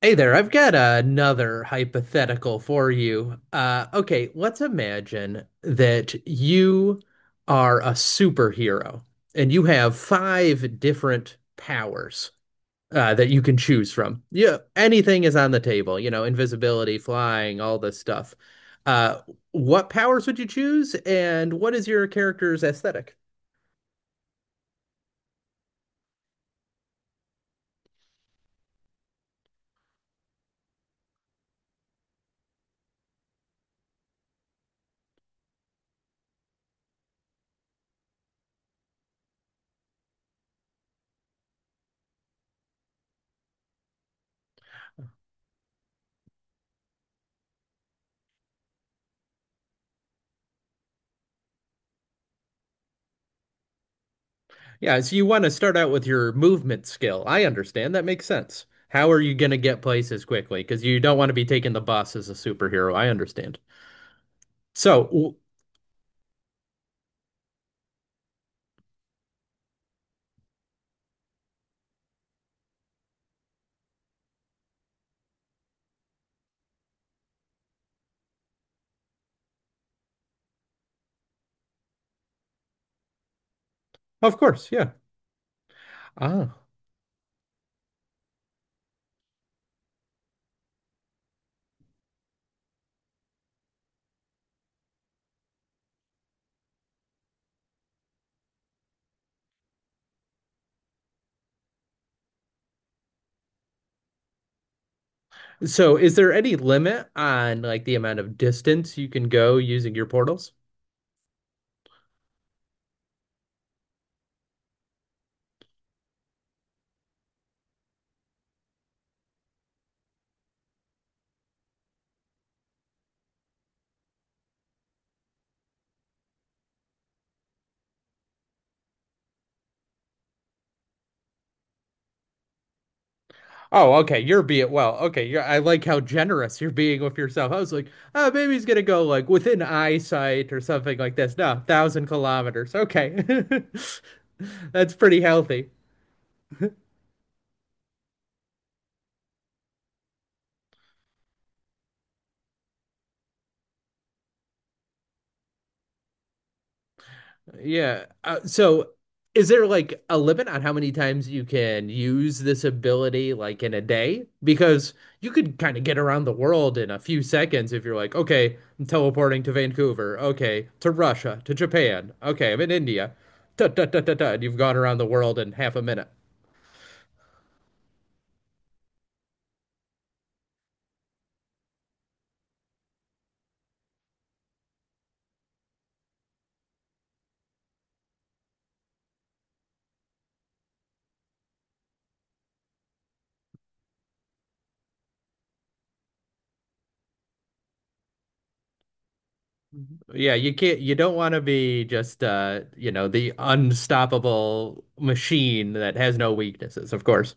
Hey there, I've got another hypothetical for you. Okay, let's imagine that you are a superhero and you have five different powers that you can choose from. Yeah, anything is on the table, invisibility, flying, all this stuff. Uh, what powers would you choose, and what is your character's aesthetic? Yeah, so you want to start out with your movement skill. I understand. That makes sense. How are you going to get places quickly? Because you don't want to be taking the bus as a superhero. I understand. So, w- of course, yeah. Ah. So, is there any limit on like the amount of distance you can go using your portals? Oh, okay. You're being well. Okay, I like how generous you're being with yourself. I was like, oh, maybe he's gonna go like within eyesight or something like this. No, thousand kilometers. Okay, that's pretty healthy. Yeah. So is there like a limit on how many times you can use this ability like in a day? Because you could kind of get around the world in a few seconds if you're like, okay, I'm teleporting to Vancouver, okay, to Russia, to Japan, okay, I'm in India. Da, da, da, da, da, and you've gone around the world in half a minute. Yeah, you don't want to be just the unstoppable machine that has no weaknesses, of course.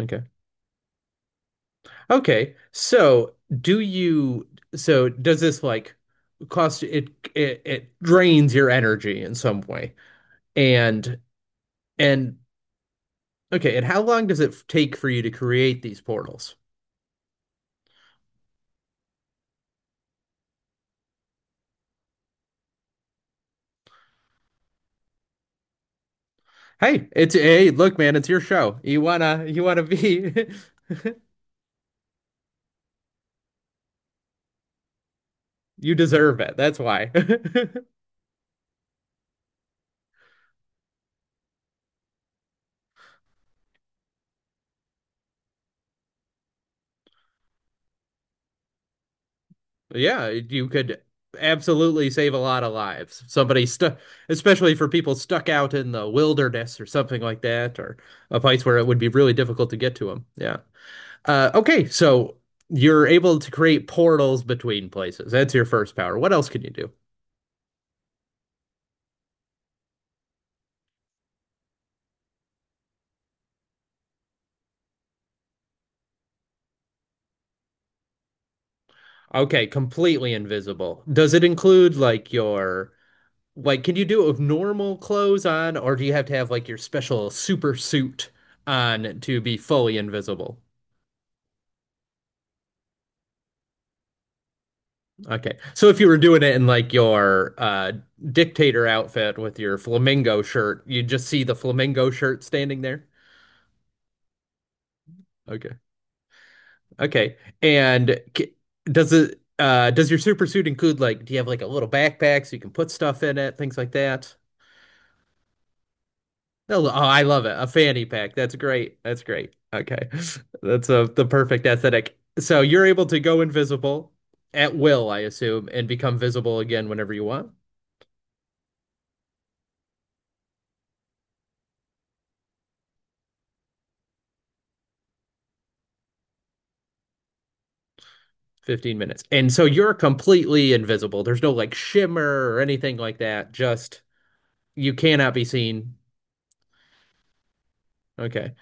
Okay. Okay. So, do you so does this like cost it it drains your energy in some way? And and okay, and how long does it f- take for you to create these portals? Hey, it's hey, look, man, it's your show. You wanna be you deserve it. That's why. Yeah, you could absolutely save a lot of lives. Somebody stuck, especially for people stuck out in the wilderness or something like that, or a place where it would be really difficult to get to them. Yeah. Okay, so you're able to create portals between places. That's your first power. What else can you do? Okay, completely invisible. Does it include like your like can you do it with normal clothes on, or do you have to have like your special super suit on to be fully invisible? Okay. So if you were doing it in like your dictator outfit with your flamingo shirt, you just see the flamingo shirt standing there. Okay. Okay. And c- does it does your super suit include like do you have like a little backpack so you can put stuff in it, things like that? No, oh, I love it. A fanny pack. That's great. That's great. Okay. The perfect aesthetic. So you're able to go invisible at will, I assume, and become visible again whenever you want. 15 minutes. And so you're completely invisible. There's no like shimmer or anything like that. Just you cannot be seen. Okay.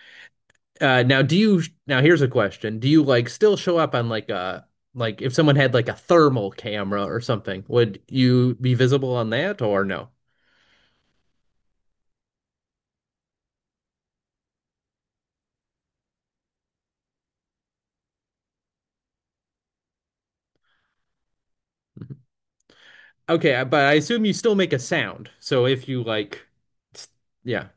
Now, do you? Now, here's a question: Do you like still show up on like a like if someone had like a thermal camera or something, would you be visible on that or no? Okay, I- but I assume you still make a sound. So if you like, s- yeah,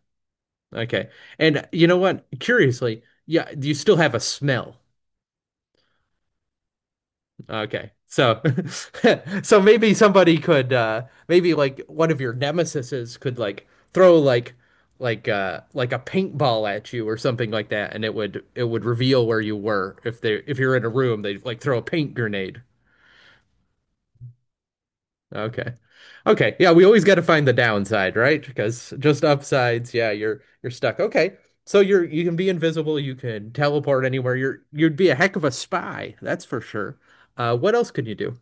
okay. And you know what? Curiously, yeah, do you still have a smell? Okay. So so maybe somebody could maybe like one of your nemesises could like throw like like a paintball at you or something like that and it would reveal where you were if you're in a room they'd like throw a paint grenade. Okay. Okay. Yeah, we always got to find the downside, right? Because just upsides, yeah, you're stuck. Okay. So you can be invisible, you can teleport anywhere. You'd be a heck of a spy, that's for sure. What else could you do?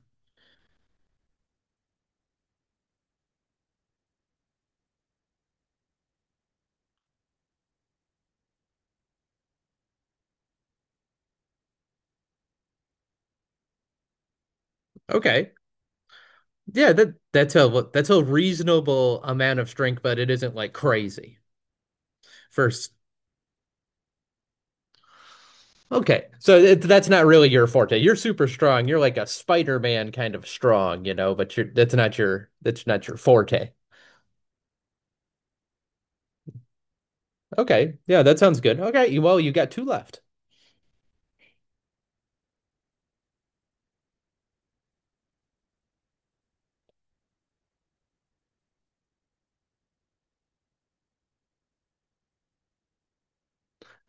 Okay. Yeah, that's a reasonable amount of strength, but it isn't like crazy. First, okay, that's not really your forte. You're super strong. You're like a Spider-Man kind of strong, you know. But you're that's not your forte. Okay, yeah, that sounds good. Okay, you- well, you got two left.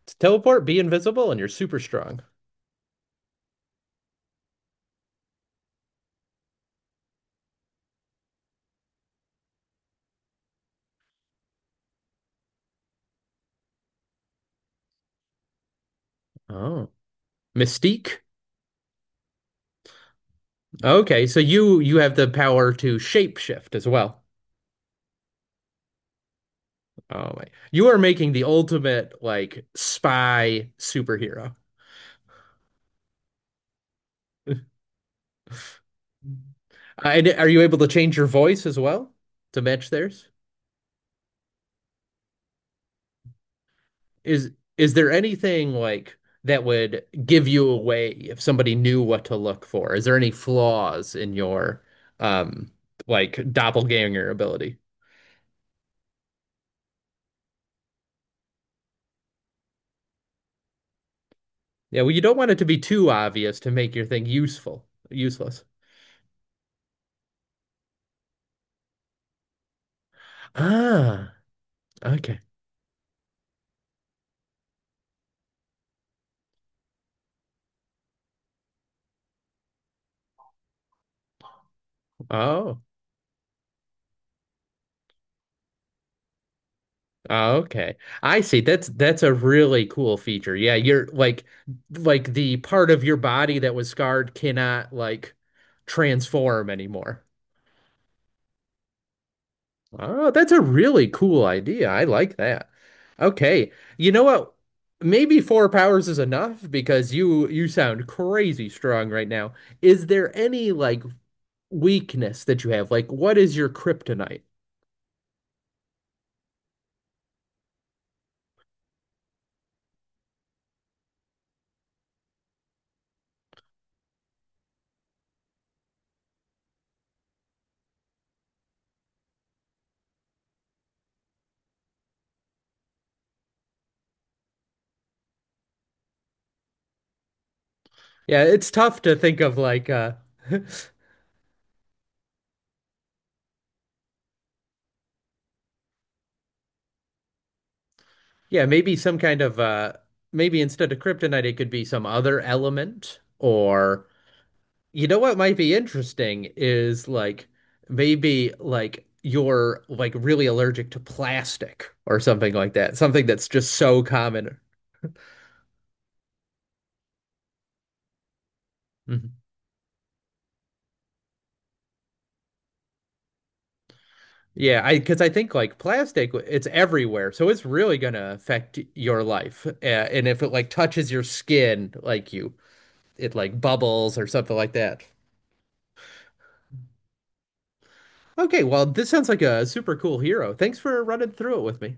To teleport, be invisible, and you're super strong. Oh. Mystique? Okay, so you have the power to shapeshift as well. Oh my. You are making the ultimate like spy superhero. And are you able to change your voice as well to match theirs? is is there anything like that would give you away if somebody knew what to look for? Is there any flaws in your um like doppelganger ability? Yeah, well, you don't want it to be too obvious to make your thing useful, useless. Ah, okay. Oh, okay. I see. That's a really cool feature. Yeah, you're like the part of your body that was scarred cannot like transform anymore. Oh, that's a really cool idea. I like that. Okay. You know what? Maybe four powers is enough because you sound crazy strong right now. Is there any like weakness that you have? Like what is your kryptonite? Yeah, it's tough to think of like yeah, maybe some kind of maybe instead of kryptonite it could be some other element or you know what might be interesting is like maybe like you're like really allergic to plastic or something like that. Something that's just so common. Mhm. Yeah, I because I think like plastic, it's everywhere, so it's really gonna affect your life. And if it like touches your skin, like you, it like bubbles or something like that. Okay, well, this sounds like a super cool hero. Thanks for running through it with me.